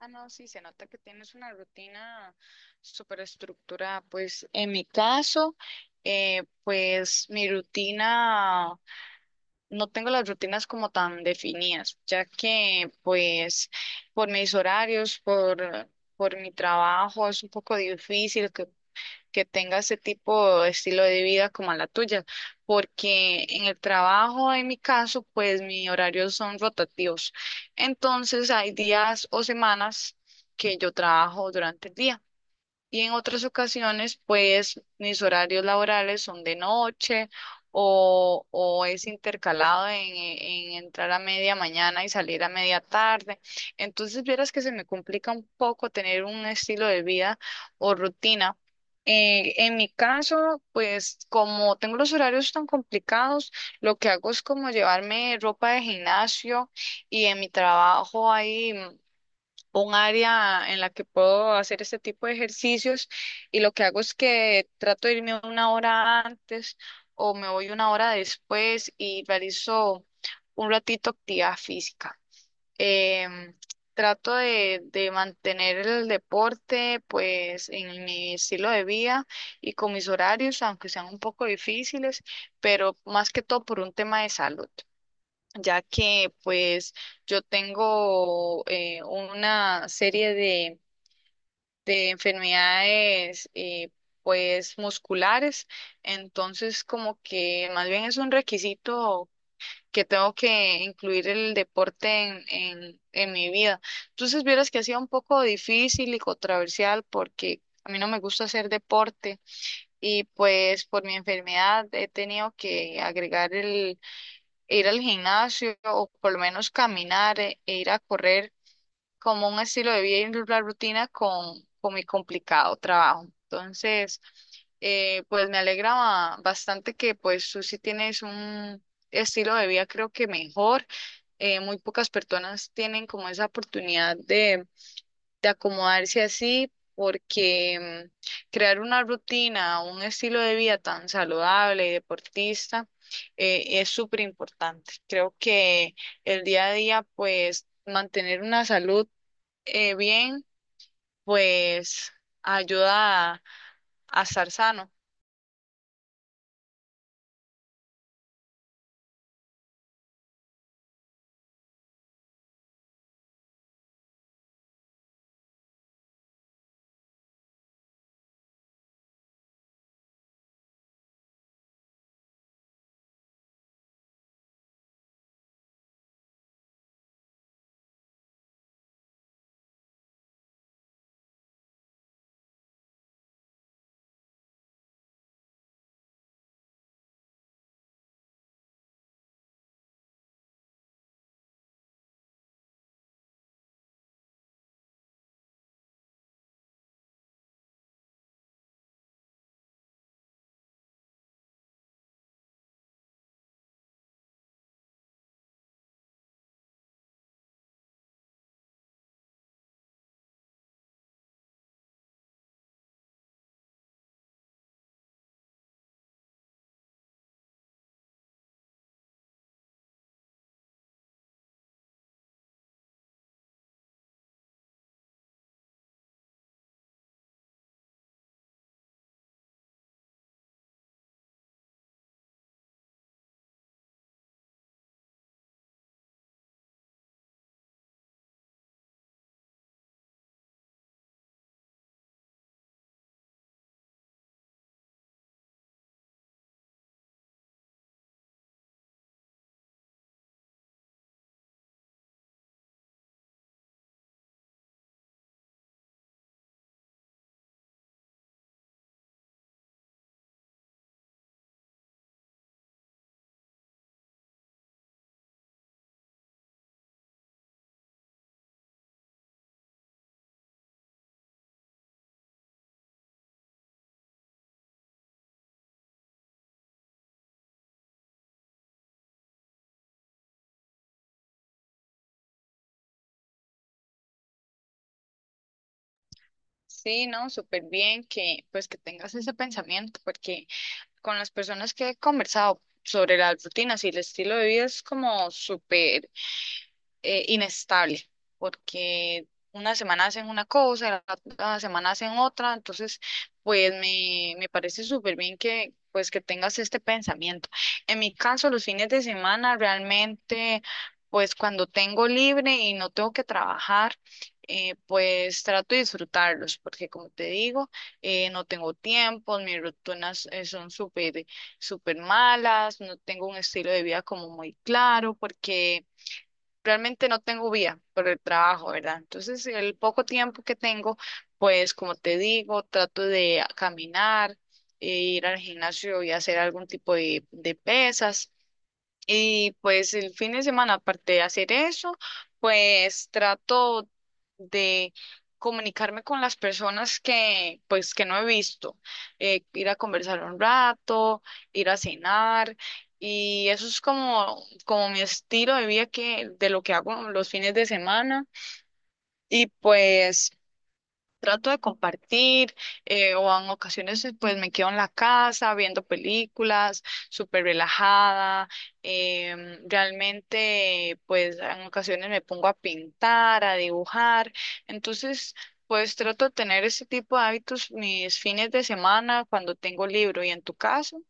Ah, no, sí, se nota que tienes una rutina súper estructurada. Pues en mi caso, pues mi rutina, no tengo las rutinas como tan definidas, ya que pues por mis horarios, por mi trabajo, es un poco difícil que tenga ese tipo de estilo de vida como a la tuya, porque en el trabajo, en mi caso, pues mis horarios son rotativos. Entonces hay días o semanas que yo trabajo durante el día. Y en otras ocasiones, pues mis horarios laborales son de noche o es intercalado en entrar a media mañana y salir a media tarde. Entonces, vieras que se me complica un poco tener un estilo de vida o rutina. En mi caso, pues como tengo los horarios tan complicados, lo que hago es como llevarme ropa de gimnasio y en mi trabajo hay un área en la que puedo hacer este tipo de ejercicios y lo que hago es que trato de irme una hora antes o me voy una hora después y realizo un ratito actividad física. Em, Trato de mantener el deporte pues en mi estilo de vida y con mis horarios, aunque sean un poco difíciles, pero más que todo por un tema de salud ya que pues yo tengo una serie de enfermedades pues musculares, entonces como que más bien es un requisito que tengo que incluir el deporte en mi vida. Entonces vieras que ha sido un poco difícil y controversial porque a mí no me gusta hacer deporte y pues por mi enfermedad he tenido que agregar ir al gimnasio o por lo menos caminar e ir a correr como un estilo de vida y una rutina con mi complicado trabajo. Entonces, pues me alegra bastante que pues tú sí tienes un estilo de vida creo que mejor. Muy pocas personas tienen como esa oportunidad de acomodarse así, porque crear una rutina, un estilo de vida tan saludable y deportista, es súper importante. Creo que el día a día, pues mantener una salud, bien, pues ayuda a estar sano. Sí, ¿no? Súper bien que pues que tengas ese pensamiento, porque con las personas que he conversado sobre las rutinas y el estilo de vida es como súper, inestable, porque una semana hacen una cosa, la otra semana hacen otra, entonces pues me parece súper bien que pues que tengas este pensamiento. En mi caso, los fines de semana realmente pues cuando tengo libre y no tengo que trabajar, pues trato de disfrutarlos, porque como te digo, no tengo tiempo, mis rutinas son súper, súper malas, no tengo un estilo de vida como muy claro, porque realmente no tengo vía por el trabajo, ¿verdad? Entonces, el poco tiempo que tengo, pues como te digo, trato de caminar, e ir al gimnasio y hacer algún tipo de pesas. Y pues el fin de semana, aparte de hacer eso, pues trato de comunicarme con las personas que pues que no he visto, ir a conversar un rato, ir a cenar y eso es como como mi estilo de vida que de lo que hago los fines de semana y pues trato de compartir, o en ocasiones pues me quedo en la casa viendo películas, súper relajada. Realmente pues en ocasiones me pongo a pintar, a dibujar. Entonces pues trato de tener ese tipo de hábitos mis fines de semana cuando tengo libro. ¿Y en tu caso?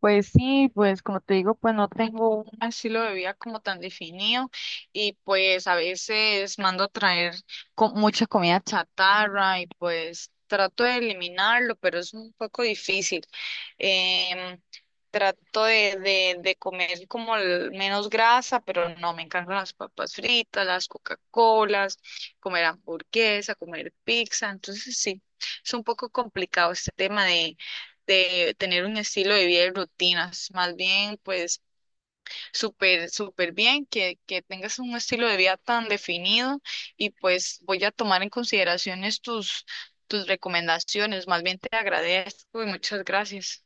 Pues sí, pues como te digo, pues no tengo un estilo de vida como tan definido y pues a veces mando a traer mucha comida chatarra y pues trato de eliminarlo, pero es un poco difícil. Em, Trato de comer como menos grasa, pero no, me encantan las papas fritas, las Coca-Colas, comer hamburguesa, comer pizza, entonces sí, es un poco complicado este tema de tener un estilo de vida y rutinas, más bien pues súper, súper bien que tengas un estilo de vida tan definido y pues voy a tomar en consideraciones tus, tus recomendaciones, más bien te agradezco y muchas gracias.